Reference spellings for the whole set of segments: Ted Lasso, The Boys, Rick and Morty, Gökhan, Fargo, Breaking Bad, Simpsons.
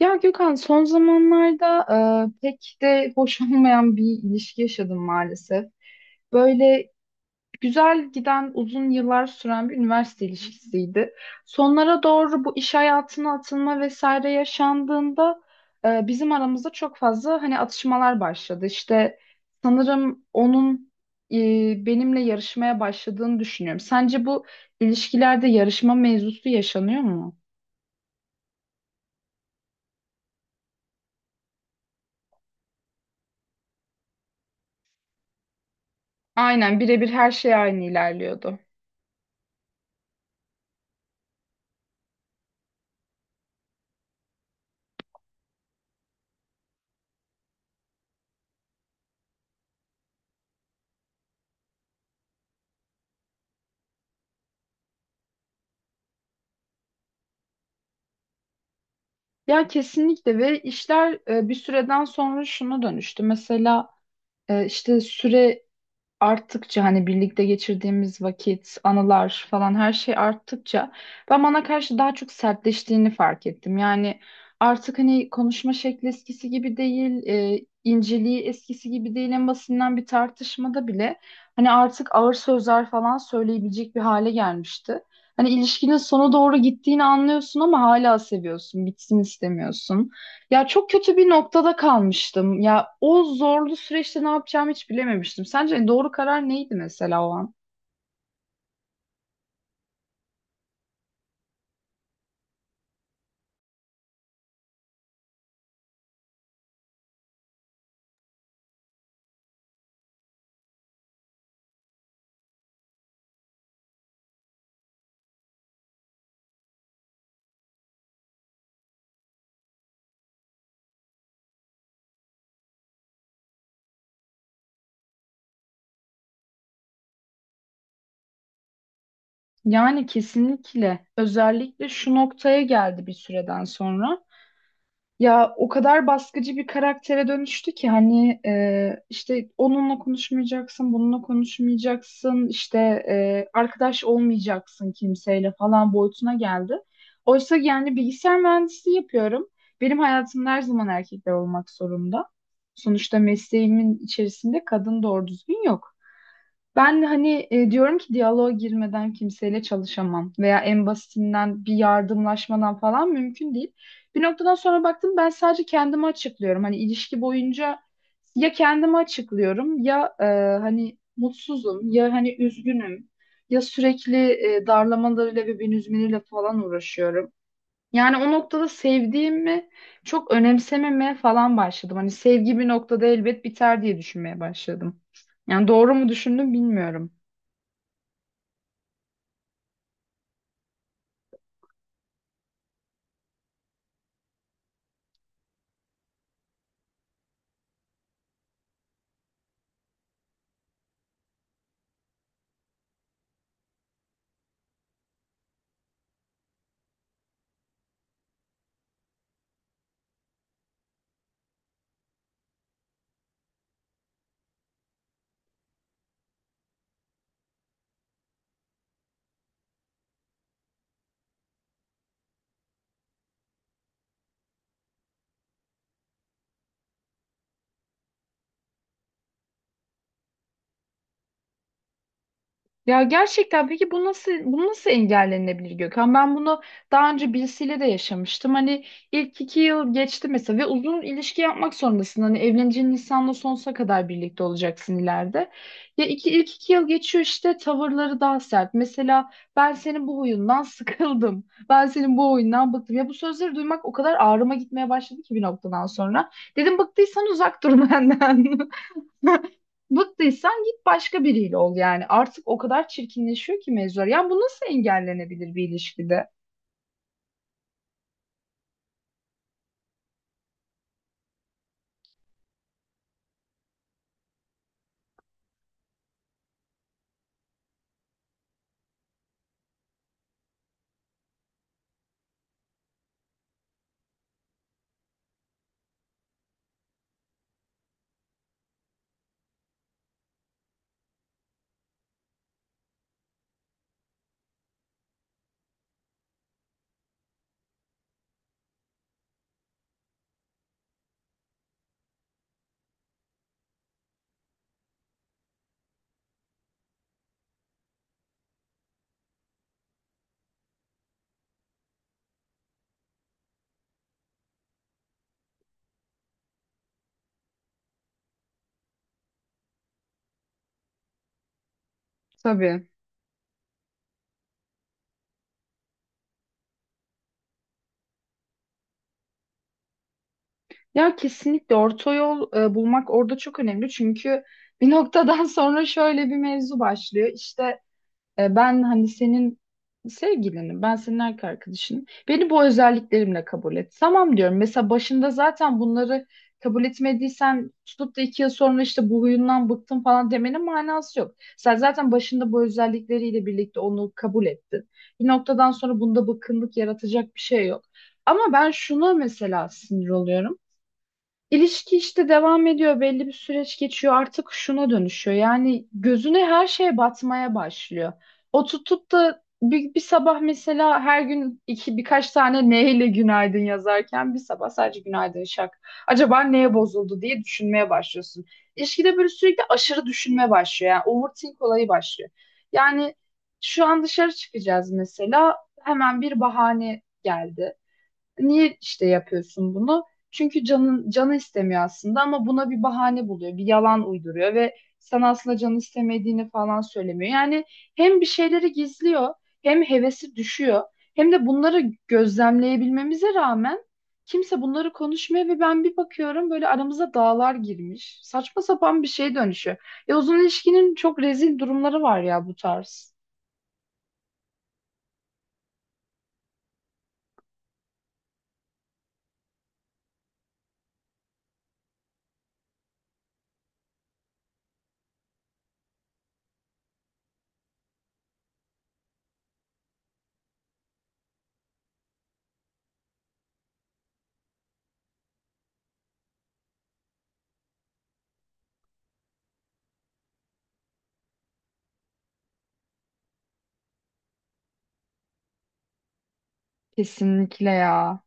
Ya Gökhan, son zamanlarda pek de hoş olmayan bir ilişki yaşadım maalesef. Böyle güzel giden, uzun yıllar süren bir üniversite ilişkisiydi. Sonlara doğru bu iş hayatına atılma vesaire yaşandığında bizim aramızda çok fazla hani atışmalar başladı. İşte sanırım onun e, benimle yarışmaya başladığını düşünüyorum. Sence bu ilişkilerde yarışma mevzusu yaşanıyor mu? Aynen, birebir her şey aynı ilerliyordu. Ya kesinlikle, ve işler bir süreden sonra şuna dönüştü. Mesela işte süre arttıkça, hani birlikte geçirdiğimiz vakit, anılar falan, her şey arttıkça ben bana karşı daha çok sertleştiğini fark ettim. Yani artık hani konuşma şekli eskisi gibi değil, inceliği eskisi gibi değil. En basitinden bir tartışmada bile hani artık ağır sözler falan söyleyebilecek bir hale gelmişti. Hani ilişkinin sona doğru gittiğini anlıyorsun ama hala seviyorsun, bitsin istemiyorsun. Ya çok kötü bir noktada kalmıştım. Ya o zorlu süreçte ne yapacağımı hiç bilememiştim. Sence doğru karar neydi mesela o an? Yani kesinlikle, özellikle şu noktaya geldi bir süreden sonra. Ya o kadar baskıcı bir karaktere dönüştü ki hani işte onunla konuşmayacaksın, bununla konuşmayacaksın, işte arkadaş olmayacaksın kimseyle falan boyutuna geldi. Oysa yani bilgisayar mühendisliği yapıyorum. Benim hayatımda her zaman erkekler olmak zorunda. Sonuçta mesleğimin içerisinde kadın doğru düzgün yok. Ben hani diyorum ki, diyaloğa girmeden kimseyle çalışamam veya en basitinden bir yardımlaşmadan falan mümkün değil. Bir noktadan sonra baktım, ben sadece kendimi açıklıyorum. Hani ilişki boyunca ya kendimi açıklıyorum ya hani mutsuzum ya hani üzgünüm ya sürekli darlamalarıyla ve beni üzmeleriyle falan uğraşıyorum. Yani o noktada sevdiğimi çok önemsememeye falan başladım. Hani sevgi bir noktada elbet biter diye düşünmeye başladım. Yani doğru mu düşündüm bilmiyorum. Ya gerçekten, peki bu nasıl, bu nasıl engellenebilir Gökhan? Ben bunu daha önce birisiyle de yaşamıştım. Hani ilk iki yıl geçti mesela ve uzun ilişki yapmak zorundasın. Hani evleneceğin insanla sonsuza kadar birlikte olacaksın ileride. Ya iki, ilk iki yıl geçiyor, işte tavırları daha sert. Mesela ben senin bu huyundan sıkıldım. Ben senin bu oyundan bıktım. Ya bu sözleri duymak o kadar ağrıma gitmeye başladı ki bir noktadan sonra. Dedim, bıktıysan uzak dur benden. Bıktıysan git başka biriyle ol yani. Artık o kadar çirkinleşiyor ki mevzular. Yani bu nasıl engellenebilir bir ilişkide? Tabii. Ya kesinlikle orta yol bulmak orada çok önemli. Çünkü bir noktadan sonra şöyle bir mevzu başlıyor. İşte e, ben hani senin sevgilinim, ben senin erkek arkadaşınım. Beni bu özelliklerimle kabul et. Tamam diyorum. Mesela başında zaten bunları kabul etmediysen, tutup da iki yıl sonra işte bu huyundan bıktım falan demenin manası yok. Sen zaten başında bu özellikleriyle birlikte onu kabul ettin. Bir noktadan sonra bunda bıkkınlık yaratacak bir şey yok. Ama ben şuna mesela sinir oluyorum. İlişki işte devam ediyor, belli bir süreç geçiyor, artık şuna dönüşüyor. Yani gözüne her şey batmaya başlıyor. O tutup da bir, bir sabah mesela, her gün iki birkaç tane neyle günaydın yazarken, bir sabah sadece günaydın, şak. Acaba neye bozuldu diye düşünmeye başlıyorsun. İlişkide böyle sürekli aşırı düşünme başlıyor. Yani overthink olayı başlıyor. Yani şu an dışarı çıkacağız mesela, hemen bir bahane geldi. Niye işte yapıyorsun bunu? Çünkü canın, canı istemiyor aslında ama buna bir bahane buluyor, bir yalan uyduruyor ve sen aslında canı istemediğini falan söylemiyor. Yani hem bir şeyleri gizliyor, hem hevesi düşüyor, hem de bunları gözlemleyebilmemize rağmen kimse bunları konuşmuyor ve ben bir bakıyorum böyle aramıza dağlar girmiş. Saçma sapan bir şey dönüşüyor. E, uzun ilişkinin çok rezil durumları var ya bu tarz. Kesinlikle ya.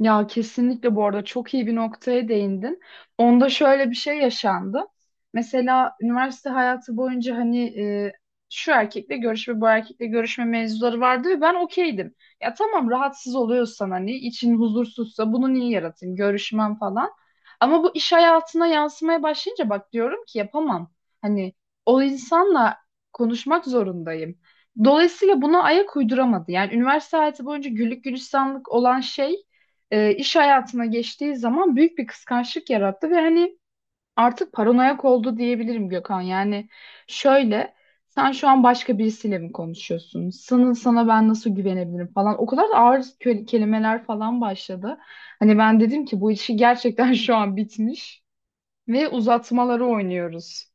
Ya kesinlikle bu arada çok iyi bir noktaya değindin. Onda şöyle bir şey yaşandı. Mesela üniversite hayatı boyunca hani şu erkekle görüşme, bu erkekle görüşme mevzuları vardı ve ben okeydim. Ya tamam, rahatsız oluyorsan, hani için huzursuzsa bunu niye yaratayım, görüşmem falan. Ama bu iş hayatına yansımaya başlayınca bak diyorum ki yapamam. Hani o insanla konuşmak zorundayım. Dolayısıyla buna ayak uyduramadı. Yani üniversite hayatı boyunca güllük gülistanlık olan şey iş hayatına geçtiği zaman büyük bir kıskançlık yarattı ve hani artık paranoyak oldu diyebilirim Gökhan. Yani şöyle, sen şu an başka birisiyle mi konuşuyorsun? Sana, sana ben nasıl güvenebilirim falan. O kadar da ağır kelimeler falan başladı. Hani ben dedim ki bu işi gerçekten şu an bitmiş ve uzatmaları oynuyoruz.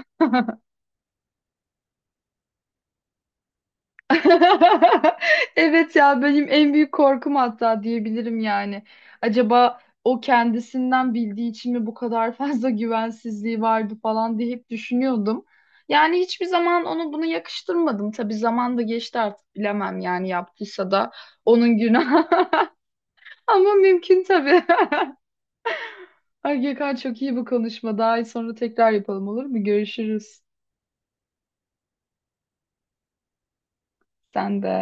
Evet ya, benim en büyük korkum hatta diyebilirim yani. Acaba o kendisinden bildiği için mi bu kadar fazla güvensizliği vardı falan diye hep düşünüyordum. Yani hiçbir zaman onu bunu yakıştırmadım. Tabii zaman da geçti, artık bilemem yani, yaptıysa da onun günahı. Ama mümkün tabii. Ay Gökhan, çok iyi bu konuşma. Daha iyi sonra tekrar yapalım, olur mu? Görüşürüz. Sen de.